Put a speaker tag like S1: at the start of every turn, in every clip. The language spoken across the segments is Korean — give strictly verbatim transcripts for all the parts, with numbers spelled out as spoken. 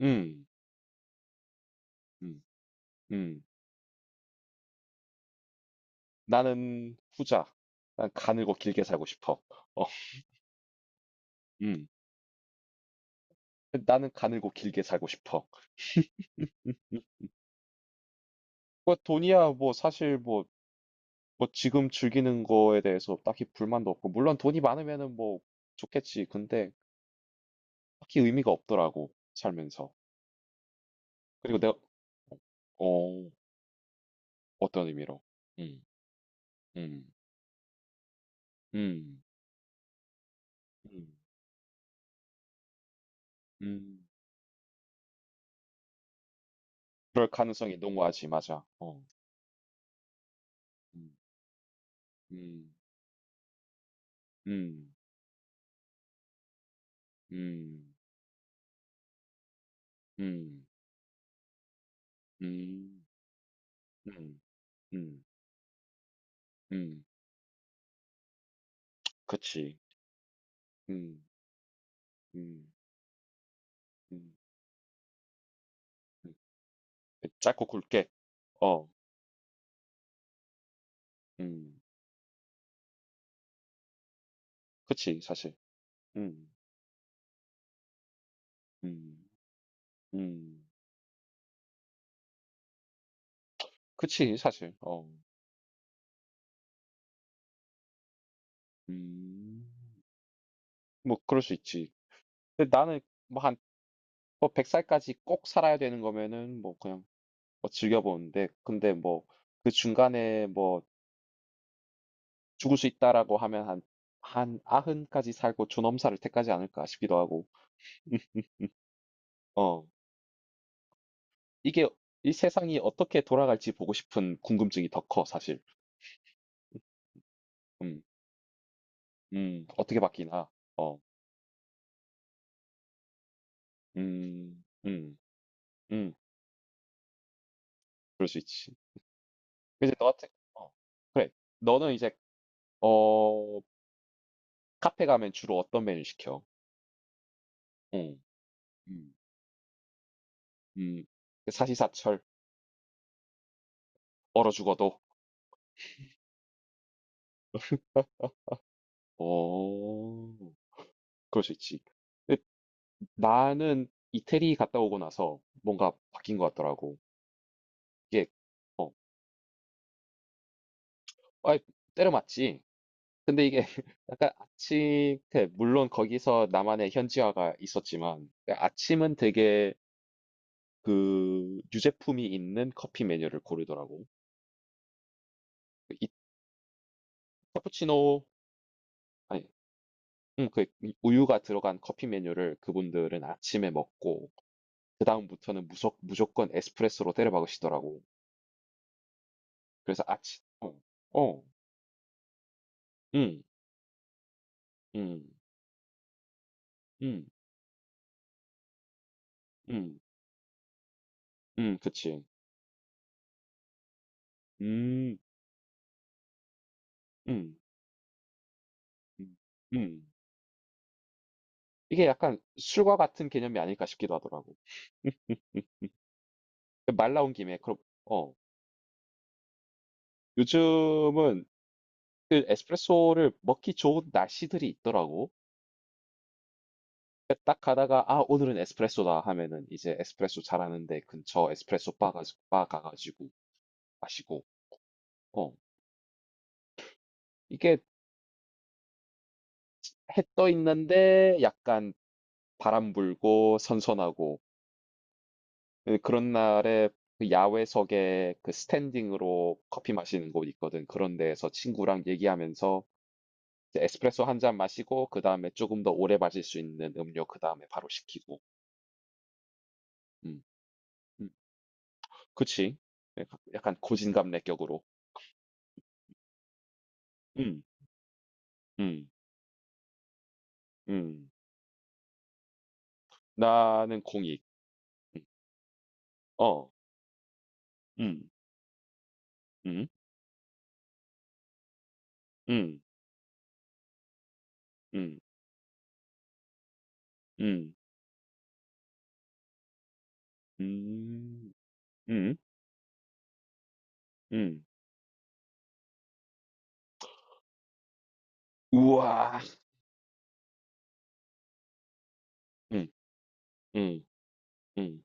S1: 음. 음. 음. 나는 후자. 난 가늘고 길게 살고 싶어. 어. 음. 나는 가늘고 길게 살고 싶어. 음. 뭐 돈이야 뭐 사실 뭐, 뭐 지금 즐기는 거에 대해서 딱히 불만도 없고, 물론 돈이 많으면은 뭐 좋겠지. 근데 딱히 의미가 없더라고, 살면서. 그리고 내가 어 어떤 의미로? 음. 음. 음. 음. 음. 그럴 가능성이 농후하지, 맞아. 어. 음. 음. 음. 음. 음. 음. 음. 음. 음. 그치. 음. 음. 음. 음. 그 짧고 굵게. 어. 음. 그치, 사실. 음. 음. 음. 그치, 사실. 어. 음. 뭐 그럴 수 있지. 근데 나는 뭐 한 뭐 백 살까지 꼭 살아야 되는 거면은 뭐 그냥 뭐 즐겨 보는데, 근데 뭐 그 중간에 뭐 죽을 수 있다라고 하면 한 한 아흔까지 살고 존엄사를 택하지 않을까 싶기도 하고. 어. 이게 이 세상이 어떻게 돌아갈지 보고 싶은 궁금증이 더 커 사실. 음. 음. 어떻게 바뀌나. 어. 음. 음. 음. 그럴 수 있지. 근데 너 같은 어. 그래. 너는 이제 어 카페 가면 주로 어떤 메뉴 시켜? 응, 음 음. 음. 사시사철 얼어 죽어도. 어. 그럴 수 있지. 근데 나는 이태리 갔다 오고 나서 뭔가 바뀐 것 같더라고. 이게 어. 아, 때려 맞지. 근데 이게 약간 아침 때, 물론 거기서 나만의 현지화가 있었지만, 그러니까 아침은 되게 그 유제품이 있는 커피 메뉴를 고르더라고. 그 이 카푸치노 아니 음, 그 우유가 들어간 커피 메뉴를 그분들은 아침에 먹고, 그 다음부터는 무조, 무조건 에스프레소로 때려박으시더라고. 그래서 아침 어, 어, 음, 음, 음, 음, 음, 그치, 음, 음, 음, 음. 이게 약간 술과 같은 개념이 아닐까 싶기도 하더라고. 말 나온 김에 그럼 어 요즘은 그 에스프레소를 먹기 좋은 날씨들이 있더라고. 그러니까 딱 가다가, 아 오늘은 에스프레소다 하면은, 이제 에스프레소 잘하는데 근처 에스프레소 바 가지고 바 가가지고 마시고 어 이게 해 떠 있는데 약간 바람 불고 선선하고 예, 그런 날에 그 야외석에 그 스탠딩으로 커피 마시는 곳 있거든. 그런 데에서 친구랑 얘기하면서 이제 에스프레소 한잔 마시고, 그다음에 조금 더 오래 마실 수 있는 음료 그다음에 바로 시키고. 음. 음. 그치. 약간 약간 고진감래격으로. 음. 음. 음. 나는 공익. 음. 어. 음. 음. 음. 음. 음. 음. 음. 음. 우와. 음. 음. 음.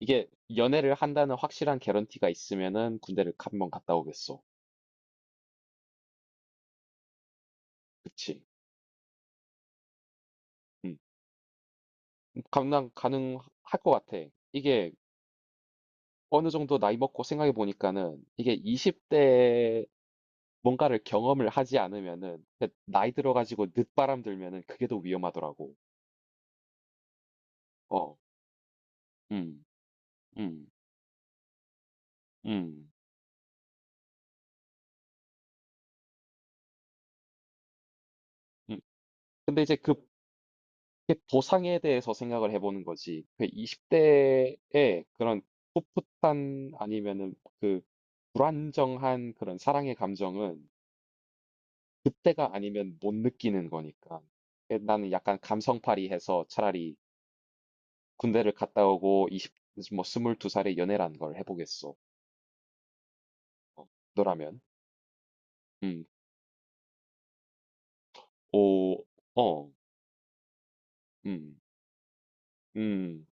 S1: 이게 연애를 한다는 확실한 개런티가 있으면은 군대를 한번 갔다 오겠어. 그치. 음. 감당 가능할 것 같아. 이게 어느 정도 나이 먹고 생각해 보니까는, 이게 이십 대에 뭔가를 경험을 하지 않으면은 그 나이 들어가지고 늦바람 들면은 그게 더 위험하더라고. 어, 음, 음, 음, 음. 근데 이제 그 그 보상에 대해서 생각을 해보는 거지. 그 이십 대에 그런 풋풋한 아니면은 그 불안정한 그런 사랑의 감정은 그때가 아니면 못 느끼는 거니까. 에, 나는 약간 감성팔이 해서 차라리 군대를 갔다 오고 이십 뭐스물두 살에 연애란 걸 해보겠어. 어, 너라면. 음, 오, 어, 음, 음,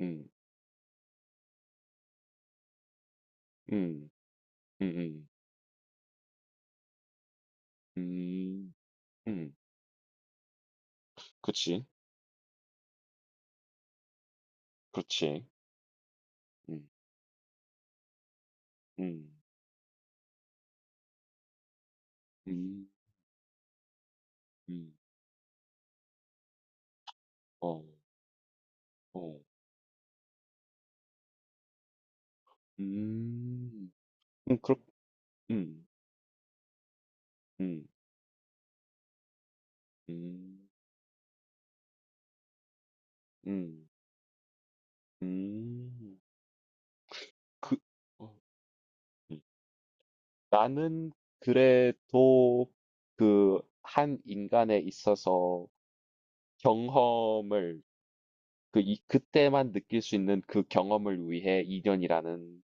S1: 음, 음, 음, 음, 음, 음, 그치, 그렇지. 음, 음, 음, 음, 어, 어, 음, 음, 그렇, 음, 음, 음, 음, 음, 그, 어, 음. 나는 그래도 그 한 인간에 있어서 경험을 그 이 그때만 느낄 수 있는 그 경험을 위해 이 년이라는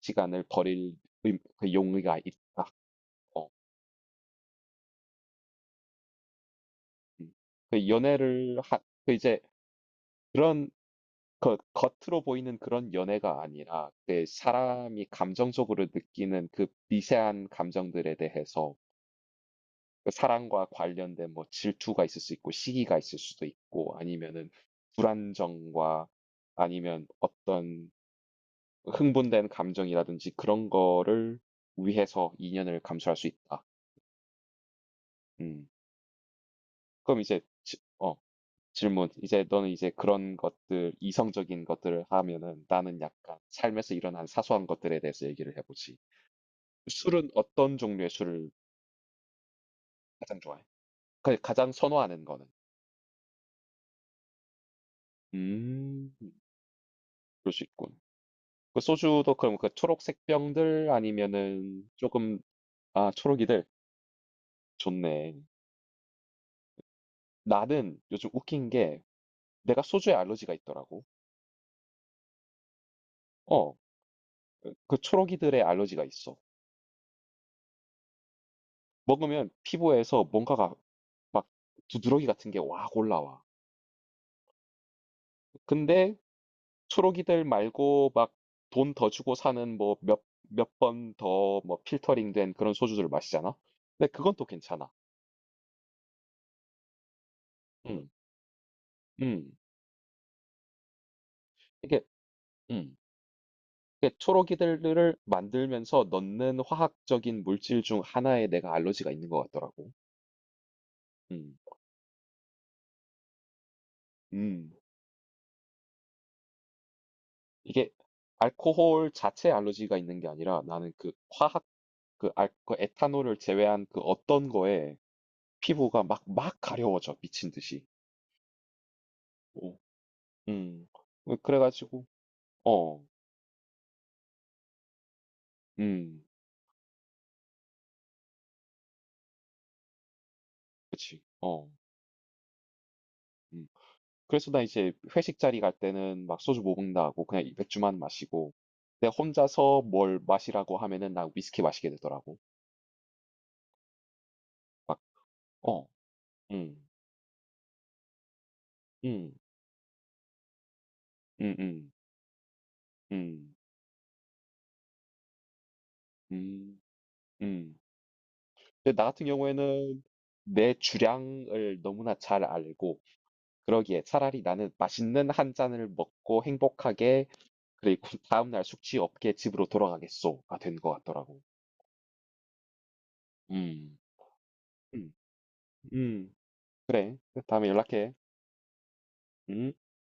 S1: 시간을 버릴 의 그 용의가 있다. 어 음. 그 연애를 하 그 이제 그런 겉 겉으로 보이는 그런 연애가 아니라, 그 사람이 감정적으로 느끼는 그 미세한 감정들에 대해서 그 사랑과 관련된 뭐 질투가 있을 수 있고, 시기가 있을 수도 있고, 아니면은 불안정과 아니면 어떤 흥분된 감정이라든지 그런 거를 위해서 인연을 감수할 수 있다. 음. 그럼 이제 지 어 질문. 이제 너는 이제 그런 것들 이성적인 것들을 하면은, 나는 약간 삶에서 일어난 사소한 것들에 대해서 얘기를 해 보지. 술은 어떤 종류의 술을 가장 좋아해? 그 가장 선호하는 거는? 음. 그럴 수 있군. 그 소주도 그럼 그 초록색 병들 아니면은 조금 아 초록이들. 좋네. 나는 요즘 웃긴 게 내가 소주에 알러지가 있더라고. 어. 그 그 초록이들의 알러지가 있어. 먹으면 피부에서 뭔가가 막 두드러기 같은 게 확 올라와. 근데 초록이들 말고 막 돈 더 주고 사는 뭐 몇, 몇 번 더 뭐 필터링 된 그런 소주들을 마시잖아. 근데 그건 또 괜찮아. 음, 음. 이게, 음. 이게 초록이들을 만들면서 넣는 화학적인 물질 중 하나에 내가 알러지가 있는 것 같더라고. 음, 음. 이게 알코올 자체 알러지가 있는 게 아니라 나는 그 화학 그, 알, 그 에탄올을 제외한 그 어떤 거에 피부가 막, 막 가려워져, 미친 듯이. 오, 음, 그- 그래가지고, 어, 음, 그치, 어, 음. 그래서 나 이제 회식 자리 갈 때는 막 소주 못 먹는다고 그냥 이 맥주만 마시고, 내가 혼자서 뭘 마시라고 하면은 나 위스키 마시게 되더라고. 막, 어, 음, 음, 음, 음, 음, 음, 음. 근데 나 같은 경우에는 내 주량을 너무나 잘 알고, 그러기에 차라리 나는 맛있는 한 잔을 먹고 행복하게, 그리고 다음날 숙취 없게 집으로 돌아가겠소가 된 것 같더라고. 음. 음, 음, 그래. 다음에 연락해. 음.